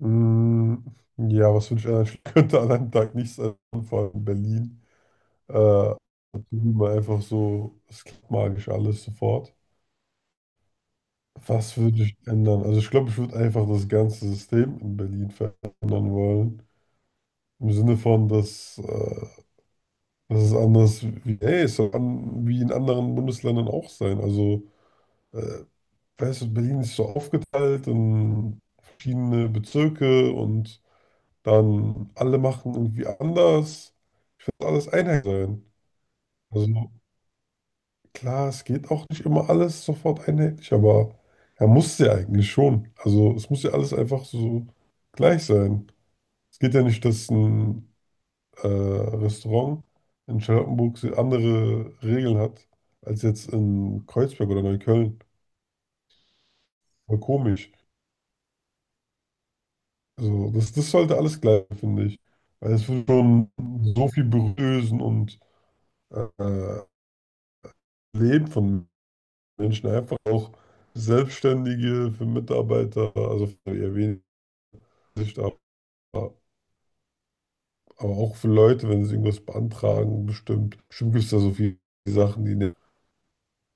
Mm, ja, was wünsche ich an einem, könnte an einem Tag nicht sein, vor allem in Berlin. Äh, Mal einfach so, es klappt magisch alles sofort. Was würde ich ändern? Also ich glaube, ich würde einfach das ganze System in Berlin verändern wollen. Im Sinne von, dass es anders wie, hey, es soll an, wie in anderen Bundesländern auch sein. Also, äh, weißt du, Berlin ist so aufgeteilt in verschiedene Bezirke und dann alle machen irgendwie anders. Alles einheitlich sein. Also klar, es geht auch nicht immer alles sofort einheitlich, aber er muss ja eigentlich schon. Also es muss ja alles einfach so gleich sein. Es geht ja nicht, dass ein Restaurant in Charlottenburg so andere Regeln hat, als jetzt in Kreuzberg oder Neukölln. Voll komisch. Also das sollte alles gleich, finde ich. Weil es wird schon so viel berühren und äh, Leben von Menschen einfach auch Selbstständige, für Mitarbeiter, also für eher wenig, Sicht, aber auch für Leute, wenn sie irgendwas beantragen, bestimmt. Bestimmt gibt es da so viele Sachen, die, ne-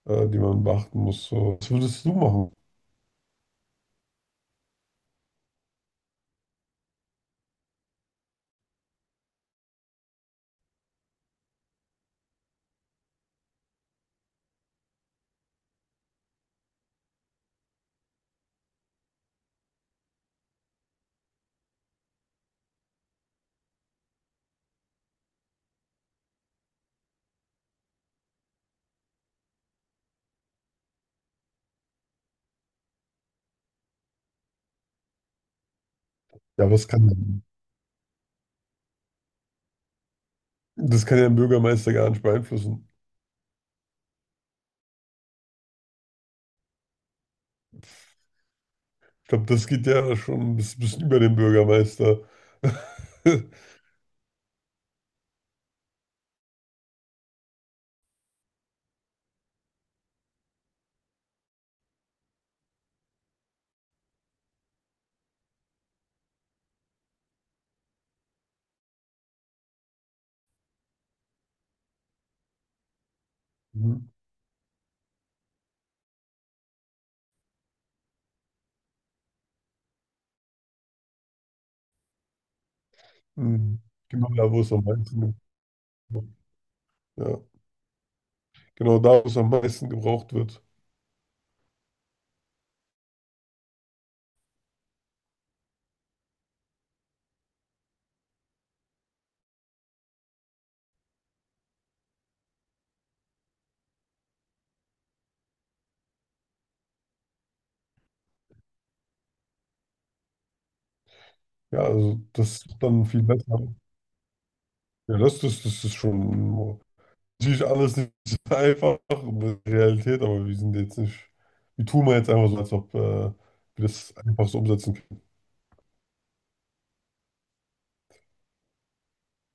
äh, die man beachten muss. So. Was würdest du machen? Ja, aber das kann ja ein Bürgermeister gar nicht beeinflussen. Ich glaube, das geht ja schon ein bisschen über den Bürgermeister. Mhm. Mhm. Genau da, wo es am meisten, Ja, genau da, wo es am meisten gebraucht wird. Ja, also das ist dann viel besser. Ja, das ist schon natürlich alles nicht so einfach mit Realität, aber wir sind jetzt nicht, wir tun mal jetzt einfach so, als ob wir das einfach so umsetzen können.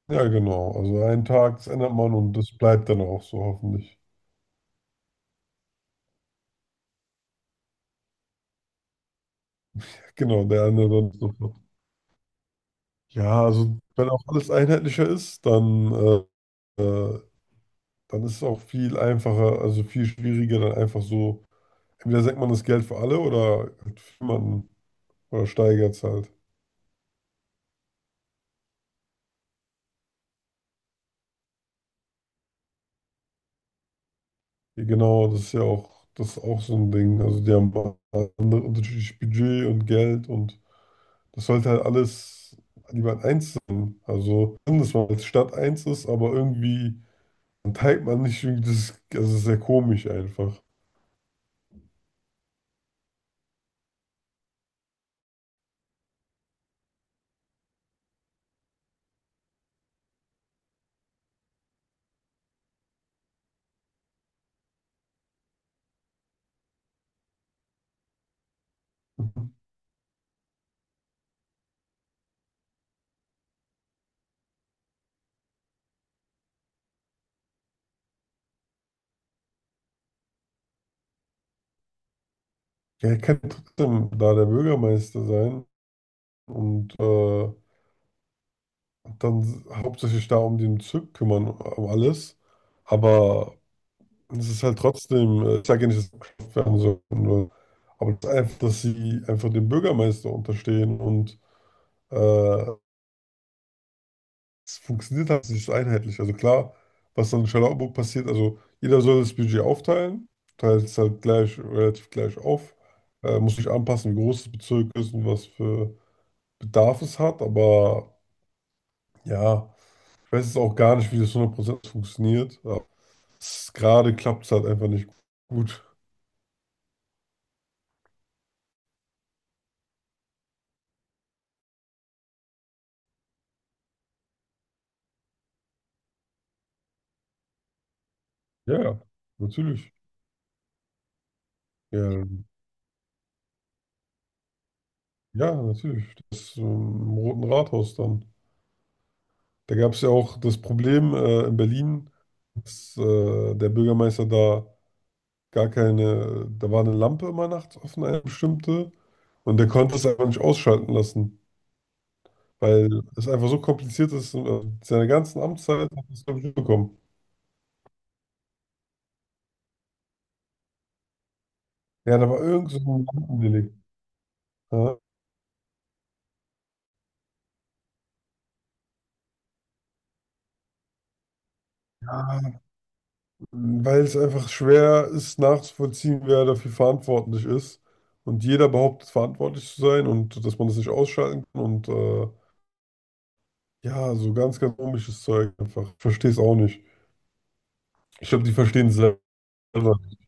Ja, genau. Also einen Tag, das ändert man und das bleibt dann auch so, hoffentlich. Genau, der andere dann sofort. Ja, also wenn auch alles einheitlicher ist, dann, äh, äh, dann ist es auch viel einfacher, also viel schwieriger, dann einfach so, entweder senkt man das Geld für alle oder halt für jemanden oder steigert es halt. Genau, das ist ja auch, das ist auch so ein Ding. Also die haben andere unterschiedliches Budget und Geld und das sollte halt alles lieber eins sein. Also, schön, dass man als Stadt eins ist, aber irgendwie, dann teilt man nicht irgendwie das, also das ist sehr komisch einfach. Ja, er kann trotzdem da der Bürgermeister sein und dann hauptsächlich da um den Bezirk kümmern, um alles. Aber und es ist halt trotzdem, ich sage ja nicht, dass sie abgeschafft werden sollten, weil, aber das ist einfach, dass sie einfach dem Bürgermeister unterstehen und äh, es funktioniert halt nicht so einheitlich. Also klar, was dann in Charlottenburg passiert, also jeder soll das Budget aufteilen, teilt es halt gleich, relativ gleich auf, muss sich anpassen, wie groß das Bezirk ist und was für Bedarf es hat, aber ja, ich weiß jetzt auch gar nicht, wie das 100% funktioniert, aber gerade klappt es halt einfach nicht gut. Ja, ja, natürlich. Ja, ja, natürlich. Das Im Roten Rathaus dann. Da gab es ja auch das Problem in Berlin, dass der Bürgermeister da gar keine, da war eine Lampe immer nachts offen, eine bestimmte, und der konnte es einfach nicht ausschalten lassen, weil es einfach so kompliziert ist. Und, seine ganzen Amtszeit hat er es, glaube ich, nicht bekommen. Ja, da war irgend so ein Lampendelikt. Ja, weil es einfach schwer ist nachzuvollziehen, wer dafür verantwortlich ist. Und jeder behauptet, verantwortlich zu sein und dass man das nicht ausschalten kann. Und ja, so ganz komisches Zeug einfach. Ich verstehe es auch nicht. Ich glaube, die verstehen es selber nicht.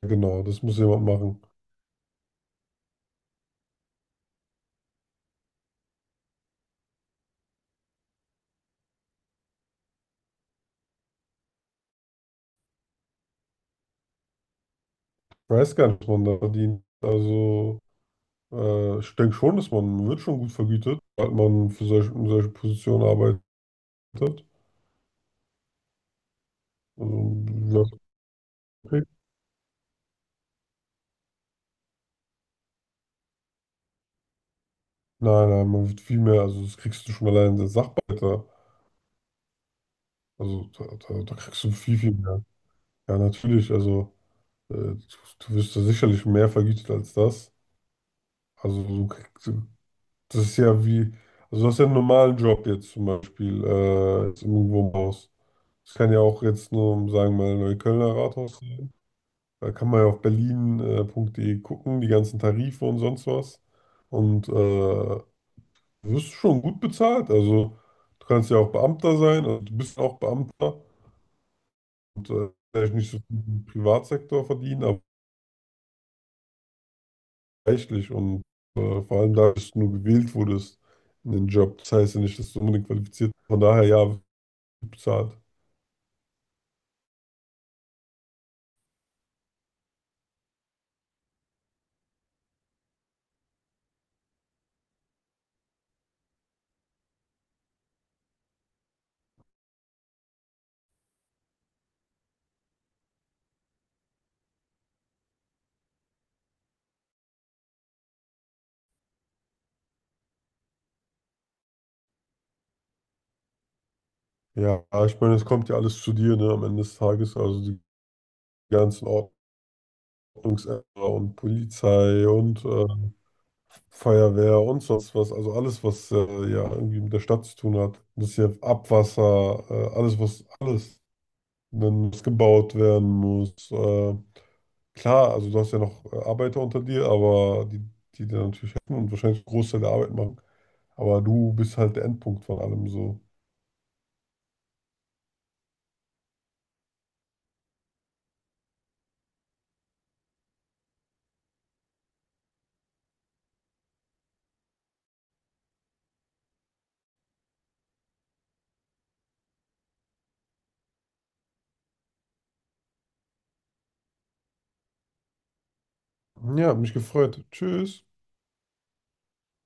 Genau, das muss jemand machen. Ich weiß gar nicht, was man da verdient. Also, ich denke schon, dass man wird schon gut vergütet, weil man für solche, in solche Positionen arbeitet. Also, ja, okay. Nein, nein, man wird viel mehr. Also, das kriegst du schon allein als Sachbearbeiter. Also da kriegst du viel mehr. Ja, natürlich, also äh, du, du wirst da sicherlich mehr vergütet als das. Also du kriegst, das ist ja wie, also du hast ja einen normalen Job jetzt zum Beispiel, jetzt irgendwo im Haus. Das kann ja auch jetzt nur, um sagen wir mal, Neuköllner Rathaus sein. Da kann man ja auf berlin.de gucken, die ganzen Tarife und sonst was. Und du wirst schon gut bezahlt. Also du kannst ja auch Beamter sein, also du bist auch Beamter. Und vielleicht nicht so viel im Privatsektor verdienen, aber reichlich und vor allem da, dass du nur gewählt wurdest in den Job. Das heißt ja nicht, dass du unbedingt qualifiziert bist. Von daher, ja, wird bezahlt. Ja, ich meine, es kommt ja alles zu dir, ne, am Ende des Tages, also die ganzen Ordnungsämter und Polizei und Feuerwehr und sonst was, also alles, was ja irgendwie mit der Stadt zu tun hat. Das ist ja Abwasser, alles, was, alles, wenn es gebaut werden muss, klar, also du hast ja noch Arbeiter unter dir, aber die dir natürlich helfen und wahrscheinlich einen Großteil der Arbeit machen. Aber du bist halt der Endpunkt von allem so. Ja, hat mich gefreut. Tschüss.